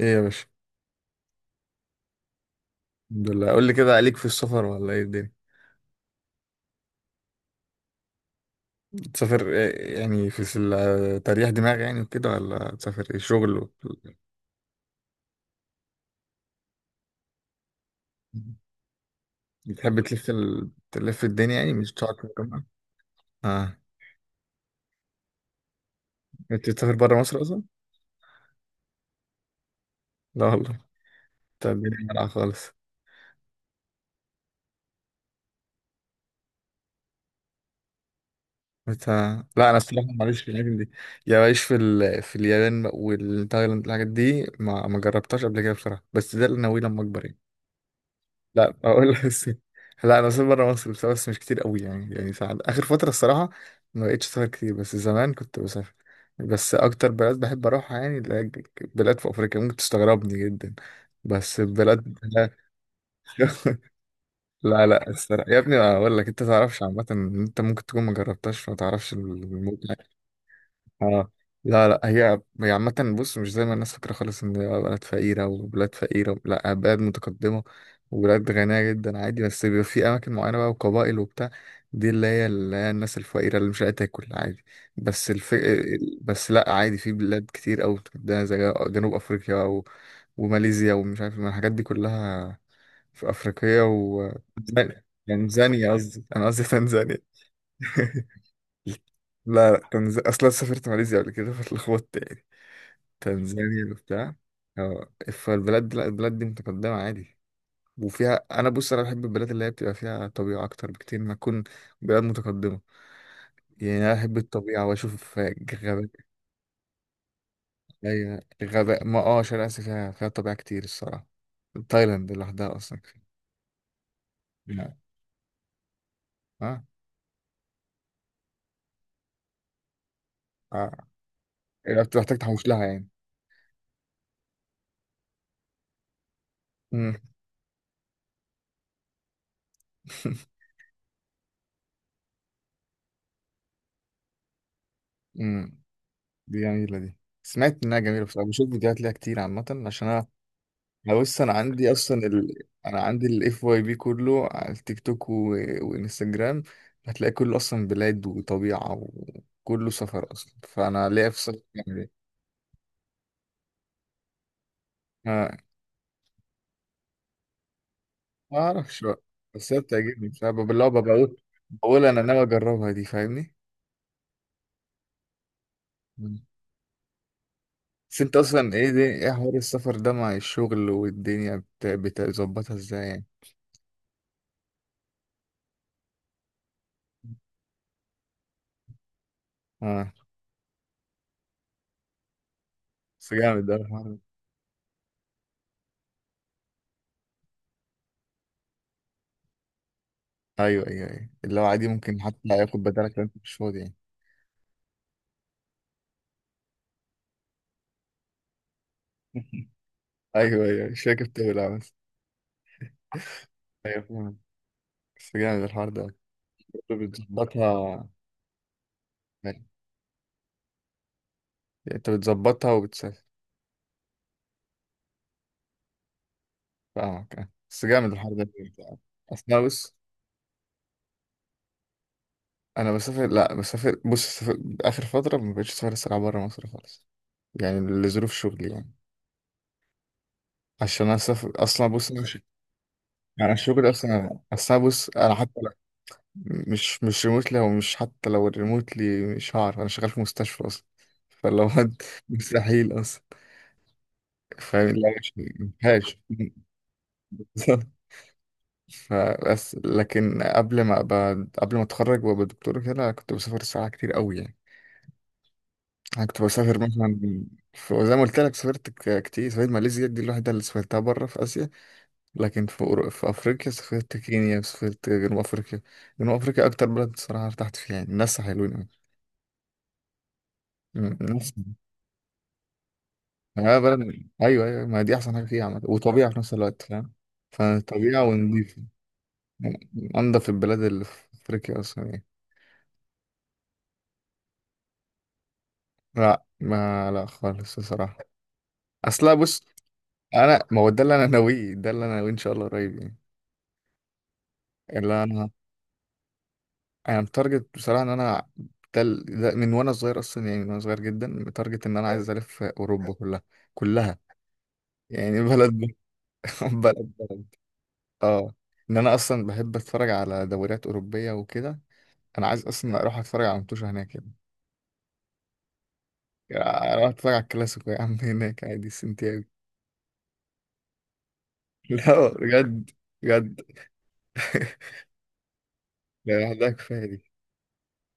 ايه يا باشا؟ الحمد لله. قول لي كده، عليك في السفر ولا ايه الدنيا؟ تسافر إيه يعني؟ في تريح دماغ يعني وكده، ولا تسافر ايه، شغل و... بتحب تلف الدنيا يعني، مش تقعد في الجامعة؟ اه، انت بتسافر بره مصر اصلا؟ لا والله. انت الدنيا مالها خالص. بت... لا، انا الصراحه، معلش، في الاماكن دي. يا بعيش في اليابان والتايلاند، الحاجات دي ما جربتهاش قبل كده بصراحه، بس ده اللي ناويه لما اكبر يعني. لا، اقول لك بس. لا، انا سافرت بره مصر بس مش كتير قوي يعني ساعات، اخر فتره الصراحه ما بقتش اسافر كتير، بس زمان كنت بسافر. بس اكتر بلد بحب اروحها يعني، اللي هي بلاد في افريقيا ممكن تستغربني جدا. بس بلاد، لا. لا، لا، الصراحه يا ابني اقول لك، انت تعرفش عامه إن انت ممكن تكون ما جربتهاش، فما تعرفش الموت. اه، لا، لا، هي عامة، بص مش زي ما الناس فاكرة خالص ان هي بلد فقيرة وبلاد فقيرة، لا بلد متقدمة، وبلاد غنية جدا عادي، بس بيبقى في أماكن معينة بقى وقبائل وبتاع. دي اللي هي الناس الفقيرة اللي مش قادرة تاكل عادي. بس الف... بس لا، عادي، في بلاد كتير أوي متقدمة زي جنوب أفريقيا و... وماليزيا ومش عارف من الحاجات دي كلها، في أفريقيا و... يعني زانية، قصدي أنا، قصدي تنزانيا. لا، لا، اصلا سافرت ماليزيا قبل كده فاتلخبطت يعني، تنزانيا وبتاع. اه، لا، البلاد دي متقدمة عادي، وفيها بص انا بحب البلاد اللي هي بتبقى فيها طبيعة اكتر بكتير ما تكون بلاد متقدمة. يعني انا احب الطبيعة واشوف غابات. ايوه غابات، ما شرق اسيا فيها طبيعة كتير الصراحة. تايلاند لوحدها اصلا كفاية. لا. اه. اه إيه، بتحتاج تحوش لها يعني؟ مم. مم. دي جميلة دي. سمعت إنها جميلة بصراحة، بشوف فيديوهات ليها كتير عامة، عشان أنا... أنا بص، أنا عندي الFYP كله على التيك توك و... وإنستجرام، هتلاقي كله أصلا بلاد وطبيعة، وكله سفر أصلا، فأنا ليا في السفر يعني إيه؟ ما ما أعرفش بقى. بس هي بتعجبني بصراحة، بالله، بقول أنا ناوي أجربها دي، فاهمني؟ مم. بس أنت أصلا، إيه دي، إيه حوار السفر ده مع الشغل والدنيا بتظبطها إزاي يعني؟ آه، بس جامد ده. ايوه، ايوه، ايوه، اللي هو عادي ممكن حتى ياخد بدالك لو انت مش فاضي يعني. ايوه، ايوه، مش فاكر بتقول بس. ايوه فاهم. بس جامد الحوار ده، برضه بتظبطها. يعني انت بتظبطها وبتسافر. فاهمك. آه. بس جامد الحوار ده. اصل أنا، بص، انا بسافر، لا بسافر، بص، اخر فتره ما بقتش اسافر الصراحه بره مصر خالص، يعني لظروف شغلي يعني، عشان انا اسافر اصلا، بص انا يعني الشغل اصلا بص انا حتى مش ريموتلي، او مش حتى لو الريموتلي مش هعرف، انا شغال في مستشفى اصلا، فلو مستحيل اصلا، فاهم، لا مش مفيهاش. بالظبط. فبس لكن قبل ما اتخرج وابقى دكتور كده، أنا كنت بسافر الصراحه كتير قوي يعني، انا كنت بسافر مثلا، في، زي ما قلت لك، سافرت كتير، سافرت ماليزيا دي الوحيده اللي سافرتها بره في اسيا، لكن في افريقيا، سافرت كينيا، سافرت جنوب افريقيا. جنوب افريقيا اكتر بلد الصراحه ارتحت فيها يعني، الناس حلوين أوي. الناس، اه، بلد، ايوه، ايوه، ما دي احسن حاجه فيها، عامه وطبيعه في نفس الوقت فاهم، فطبيعه ونضيف، انضف البلاد اللي في افريقيا اصلا يعني. لا، ما لا خالص الصراحه، اصلا بص. انا ما هو ده اللي انا ناويه ان شاء الله قريب يعني، اللي انا، انا متارجت بصراحه ان انا، ده من وانا صغير اصلا، يعني من وانا صغير جدا متارجت ان انا عايز الف اوروبا كلها، كلها، يعني بلد، بلد بلد، اه، ان انا اصلا بحب اتفرج على دوريات اوروبيه وكده، انا عايز اصلا اروح اتفرج على متوشة هناك يعني، يعني اروح اتفرج على الكلاسيكو يا عم هناك عادي، سنتياجو. لا، بجد. بجد. لا، لوحدها كفايه دي.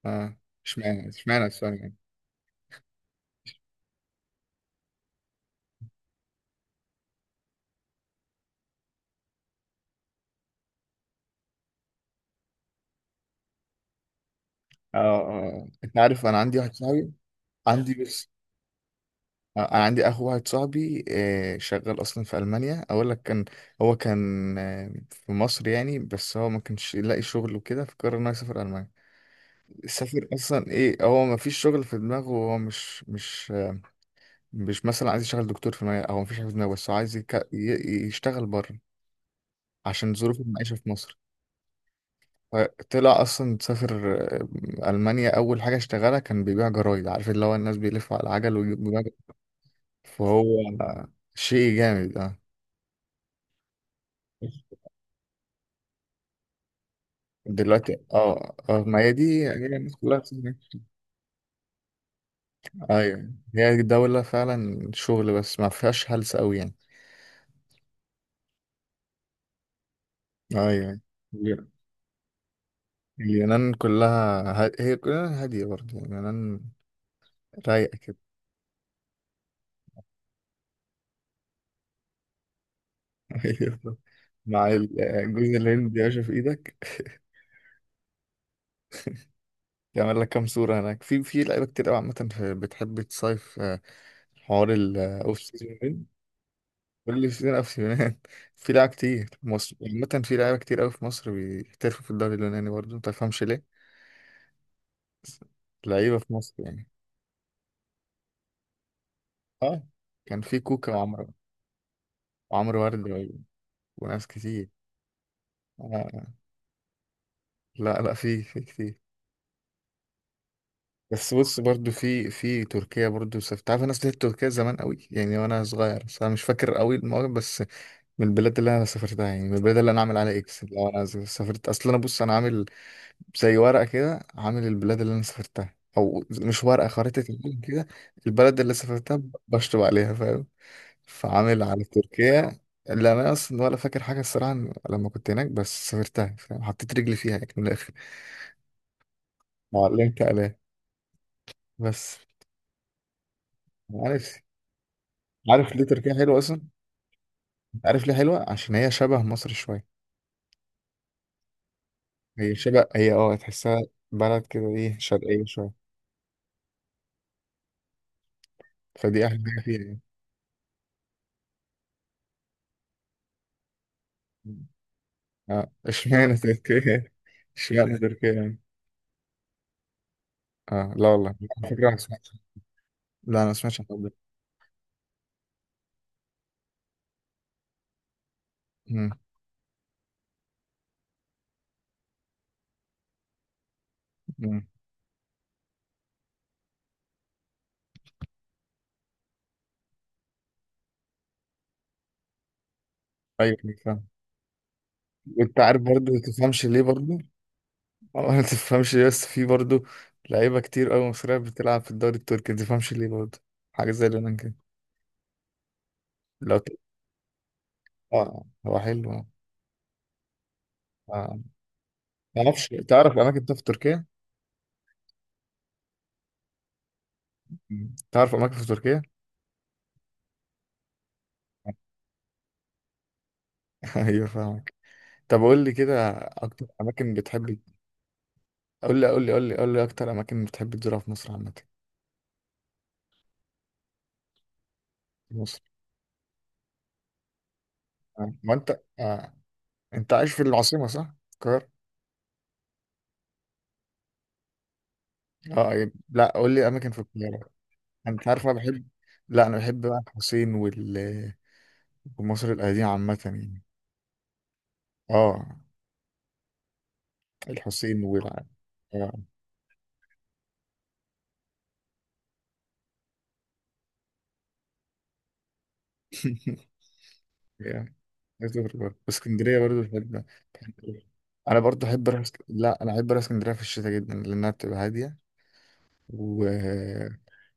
اه، اشمعنى السؤال يعني؟ اه، اه، آه. انت عارف انا عندي واحد صاحبي، عندي بس آه، انا عندي اخو واحد صاحبي آه، شغال اصلا في المانيا، اقول لك، كان، هو كان آه، في مصر يعني، بس هو ما كانش يلاقي شغل وكده، فقرر انه يسافر المانيا. سافر اصلا، ايه، هو ما فيش شغل في دماغه، هو مش مثلا عايز يشتغل دكتور في دماغه، او مفيش حاجه في دماغه، بس هو عايز يشتغل بره عشان ظروف المعيشه في مصر، فطلع اصلا سافر آه، المانيا، اول حاجه اشتغلها كان بيبيع جرايد، عارف اللي هو الناس بيلفوا على العجل ويجيبوا جرايد، فهو آه، شيء جامد اه. دلوقتي اه، اه، ما هي دي، هي الناس كلها بتعمل كده. ايوه، هي دولة فعلا شغل، بس ما فيهاش هلس قوي يعني. ايوه. اليونان كلها هي كلها هادية برضه يعني، اليونان رايقة كده. أيوة. مع الجوز الهند يا باشا في ايدك، يعمل لك كام صورة هناك، في لعيبة كتير قوي عامة، بتحب تصيف آه، حوار الاوف سيزون، كل سيزون اوف سيزون. في لعيبة كتير. في مصر عامة، في لعيبة كتير قوي في مصر بيحترفوا في الدوري اليوناني برضه، ما تفهمش ليه بس، لعيبة في مصر يعني. اه، كان في كوكا وعمرو، وعمرو ورد وناس كتير. آه. لا، لا، في كتير. بس بص، برضو في تركيا برضو سافرت، عارف، انا سافرت تركيا زمان قوي يعني وانا صغير، بس انا مش فاكر قوي المواقف بس، من البلاد اللي انا سافرتها يعني، من البلاد اللي انا عامل عليها اكس لو انا سافرت، اصل انا، بص، انا عامل زي ورقه كده، عامل البلاد اللي انا سافرتها، او مش ورقه، خريطه العالم كده، البلد اللي سافرتها بشطب عليها فاهم، فعامل على تركيا، اللي انا اصلا ولا فاكر حاجه الصراحه لما كنت هناك، بس سافرتها فاهم، حطيت رجلي فيها يعني من الاخر، وعلمت عليها بس. عارف، عارف ليه تركيا حلوة أصلا؟ عارف ليه حلوة؟ عشان هي شبه مصر شوية، هي شبه، هي تحسها بلد كده ايه، شرقية شوية، فدي أحلى حاجة فيها يعني. اه، اشمعنى تركيا؟ اشمعنى تركيا يعني؟ اه، لا والله على فكرة ما سمعتش، لا أنا ما سمعتش عن الحوار ده. مم. مم. أيوة، أيوة، فاهم. وأنت عارف برضه ما تفهمش ليه برضه؟ اه، ما تفهمش ليه بس في برضه لعيبة كتير أوي مصرية بتلعب في الدوري التركي، ما تفهمش ليه برضه، حاجة زي اليونان كده، لو اه، آه، هو حلو اه. آه. معرفش، تعرف اماكن طب في تركيا؟ مم. تعرف اماكن في تركيا؟ ايوه فاهمك. طب قول لي كده اكتر اماكن بتحب، قول لي، قول لي، قول لي، قول لي اكتر اماكن بتحب تزورها في مصر عامه. في مصر، آه، ما انت آه. انت عايش في العاصمه، صح؟ القاهره، اه، أيوة. لا، قول لي اماكن في القاهره. انت عارف انا بحب، لا انا بحب بقى الحسين وال، ومصر القديمه عامه يعني. اه، الحسين وال. آه. يعني، عايز أسافر برضه، بس اسكندرية برضه بحب، بحب- أنا برضه أحب أروح اسك- لا، أنا أحب أروح اسكندرية في الشتاء جدا لأنها بتبقى هادية و...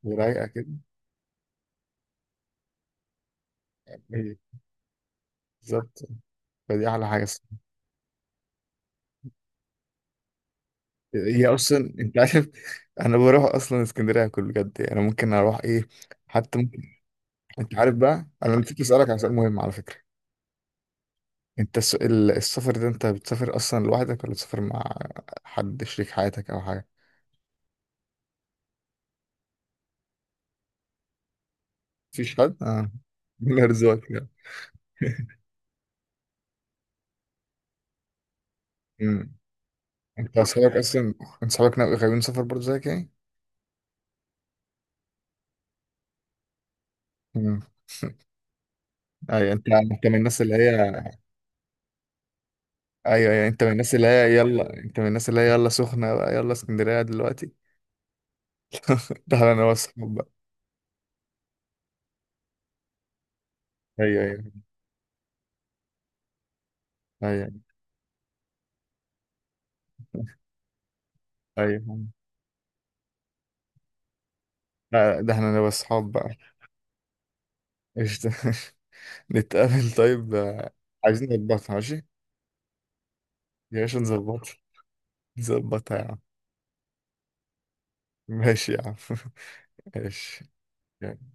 ورايقة كده. إيه، بالظبط، فدي أحلى حاجة الصراحة. هي أصلا أنت عارف، أنا بروح أصلا اسكندرية كل بجد يعني، أنا ممكن أروح إيه، حتى ممكن، أنت عارف بقى، أنا نسيت أسألك على سؤال مهم على فكرة. أنت السفر ده، أنت بتسافر أصلا لوحدك ولا بتسافر مع حد، شريك حياتك أو حاجة؟ مفيش حد؟ آه من أرزاق يعني. انت اصحابك اصلا، انت اصحابك غاويين سفر برضه زيك يعني؟ امم. ايوه، انت، انت من الناس اللي هي، ايوه، ايوه، انت من الناس اللي هي، يلا سخنه بقى، يلا اسكندريه دلوقتي. ده انا واصحاب بقى، ايوه، ايوه، ايوه، ايوه. لا، ده احنا، انا واصحاب بقى. قشطة. نتقابل طيب آه، عايزين نظبطها، ماشي. يا باشا نظبطها، نظبطها يا عم. ماشي يا عم. ماشي يعني.